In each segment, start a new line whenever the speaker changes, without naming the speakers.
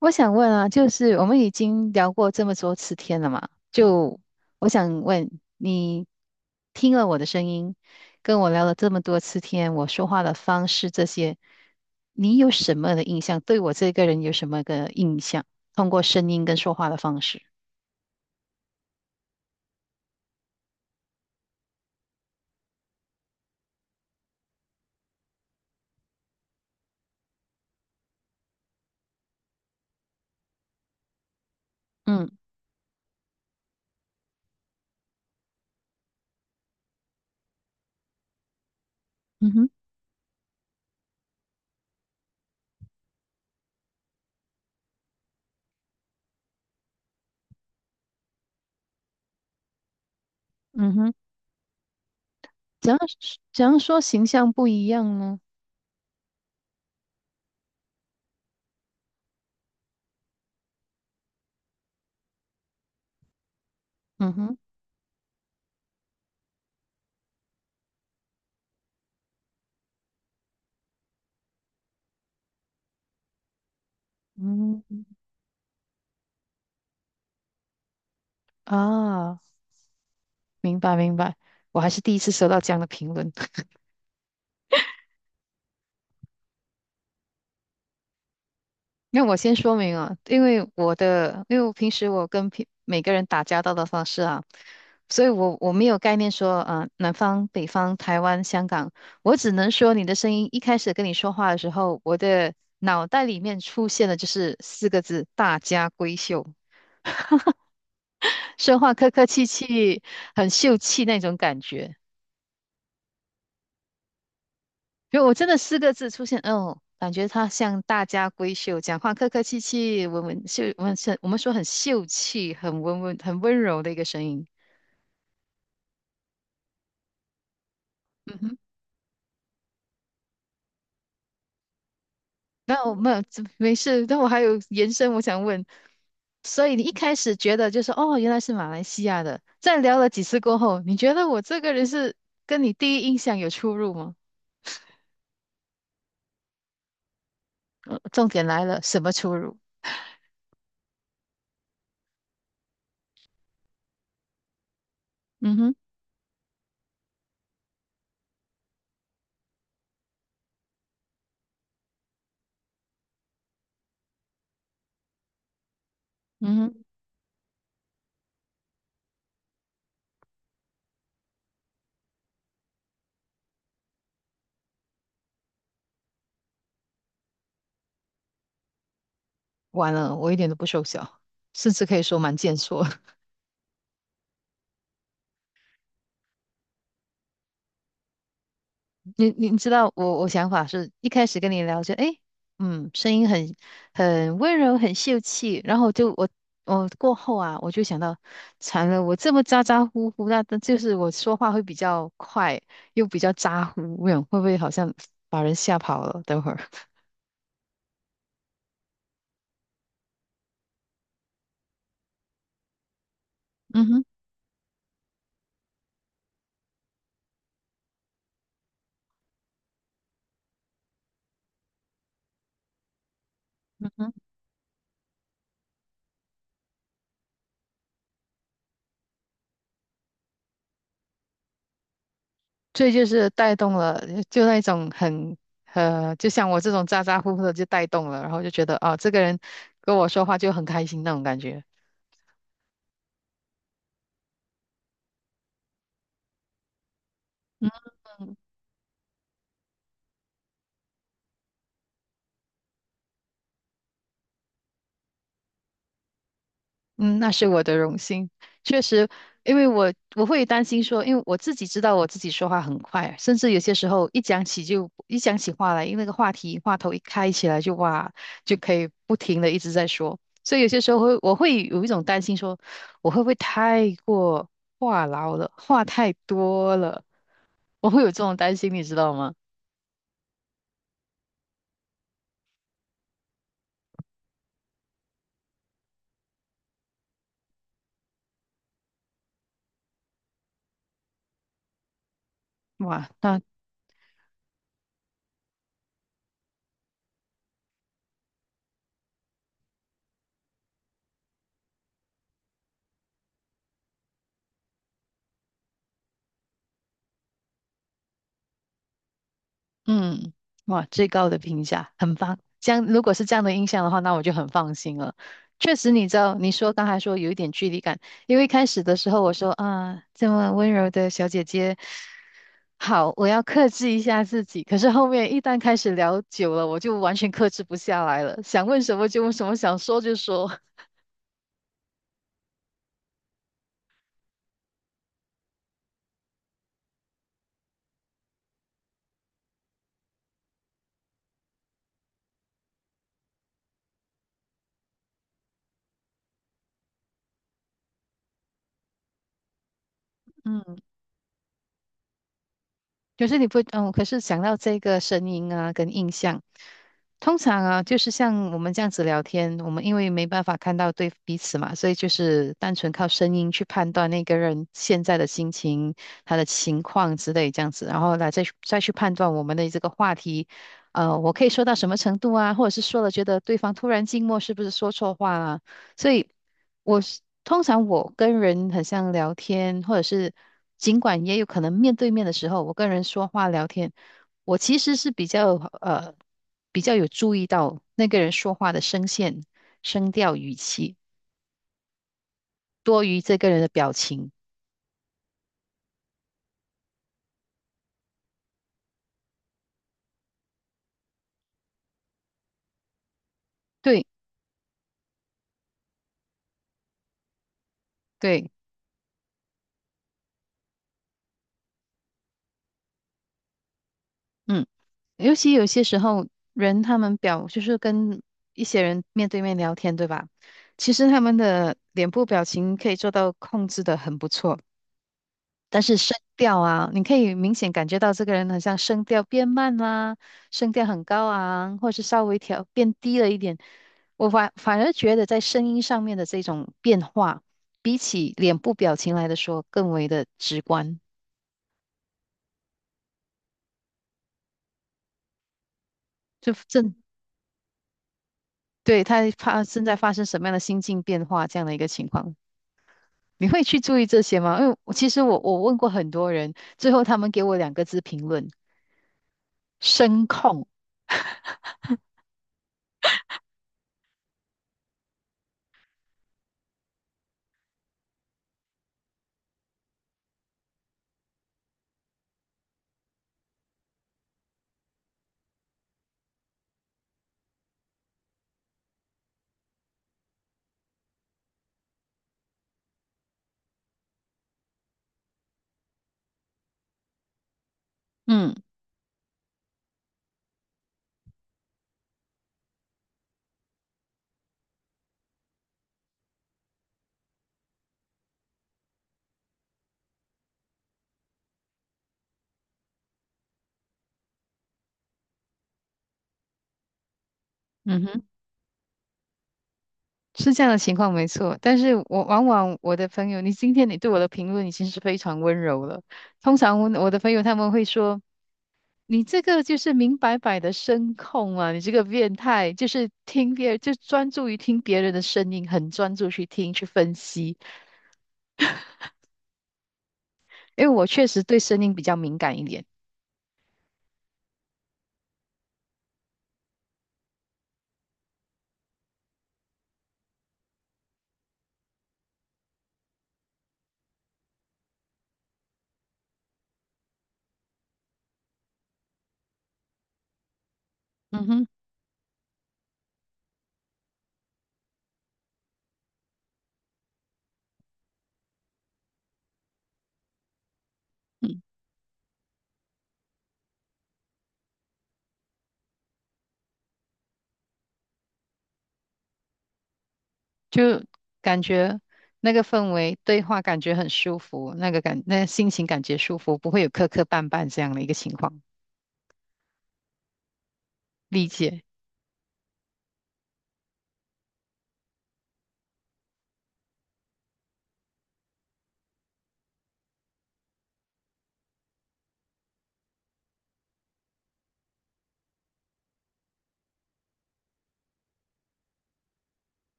我想问啊，就是我们已经聊过这么多次天了嘛，我想问你，听了我的声音，跟我聊了这么多次天，我说话的方式这些，你有什么的印象？对我这个人有什么个印象？通过声音跟说话的方式，嗯嗯哼嗯哼。怎样怎样说形象不一样呢？嗯哼嗯啊。明白明白，我还是第一次收到这样的评论。那我先说明啊，因为我的，因为我平时我跟平每个人打交道的方式啊，所以我没有概念说啊、南方、北方、台湾、香港，我只能说你的声音一开始跟你说话的时候，我的脑袋里面出现的就是四个字"大家闺秀"，说话客客气气，很秀气那种感觉。因为我真的四个字出现，哦，感觉他像大家闺秀，讲话客客气气，文文秀，我们秀，我们说很秀气，很温文，很温柔的一个声音。嗯哼。那我没有，这没事，但我还有延伸，我想问，所以你一开始觉得就是哦，原来是马来西亚的，在聊了几次过后，你觉得我这个人是跟你第一印象有出入吗？重点来了，什么出入？嗯哼，嗯哼。完了，我一点都不瘦小，甚至可以说蛮健硕。你知道我想法是一开始跟你聊就诶，嗯，声音很温柔，很秀气，然后就我过后啊，我就想到，惨了，我这么咋咋呼呼，那就是我说话会比较快，又比较咋呼，我想会不会好像把人吓跑了？等会儿，嗯哼。这就是带动了，就那种很就像我这种咋咋呼呼的就带动了，然后就觉得啊，这个人跟我说话就很开心那种感觉。嗯，那是我的荣幸。确实，因为我会担心说，因为我自己知道我自己说话很快，甚至有些时候一讲起话来，因为那个话题话头一开起来就哇，就可以不停的一直在说。所以有些时候我会有一种担心说，我会不会太过话痨了，话太多了，我会有这种担心，你知道吗？哇，那嗯，哇，最高的评价，很棒。这样，如果是这样的印象的话，那我就很放心了。确实，你知道，刚才说有一点距离感，因为一开始的时候我说啊，这么温柔的小姐姐，好，我要克制一下自己。可是后面一旦开始聊久了，我就完全克制不下来了，想问什么就问什么，想说就说。嗯。可是你不，嗯，可是想到这个声音啊，跟印象，通常啊，就是像我们这样子聊天，我们因为没办法看到对彼此嘛，所以就是单纯靠声音去判断那个人现在的心情、他的情况之类这样子，然后来再去判断我们的这个话题，我可以说到什么程度啊，或者是说了觉得对方突然静默，是不是说错话啊？所以。我是通常我跟人很像聊天，或者是尽管也有可能面对面的时候，我跟人说话聊天，我其实是呃比较有注意到那个人说话的声线、声调、语气，多于这个人的表情。对对，嗯，尤其有些时候人他们就是跟一些人面对面聊天，对吧？其实他们的脸部表情可以做到控制的很不错。但是声调啊，你可以明显感觉到这个人好像声调变慢啦，声调很高昂，或是稍微调变低了一点。我反而觉得在声音上面的这种变化，比起脸部表情来的说更为的直观，就正，对，正在发生什么样的心境变化这样的一个情况。你会去注意这些吗？因为我其实我问过很多人，最后他们给我两个字评论：声控。嗯嗯哼。是这样的情况没错，但是我往往我的朋友，你今天你对我的评论已经是非常温柔了。通常我的朋友他们会说，你这个就是明摆摆的声控啊，你这个变态，就是听别人，就专注于听别人的声音，很专注去听去分析。因为我确实对声音比较敏感一点，嗯哼，嗯，就感觉那个氛围对话感觉很舒服，那个感那心情感觉舒服，不会有磕磕绊绊这样的一个情况，理解。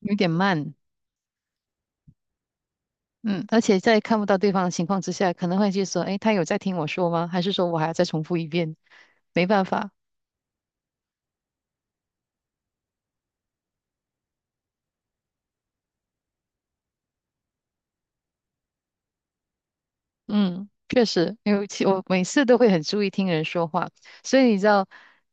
有点慢，嗯，而且在看不到对方的情况之下，可能会去说，诶，他有在听我说吗？还是说我还要再重复一遍？没办法，嗯，确实，尤其我每次都会很注意听人说话，所以你知道，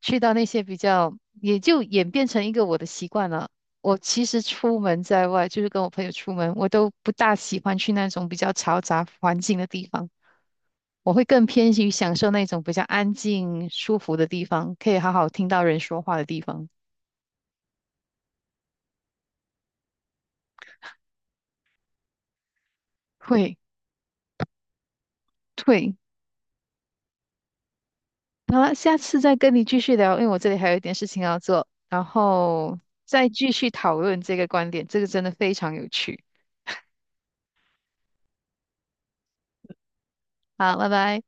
去到那些比较，也就演变成一个我的习惯了。我其实出门在外，就是跟我朋友出门，我都不大喜欢去那种比较嘈杂环境的地方。我会更偏向于享受那种比较安静、舒服的地方，可以好好听到人说话的地方。会会。好了，下次再跟你继续聊，因为我这里还有一点事情要做，然后再继续讨论这个观点，这个真的非常有趣。好，拜拜。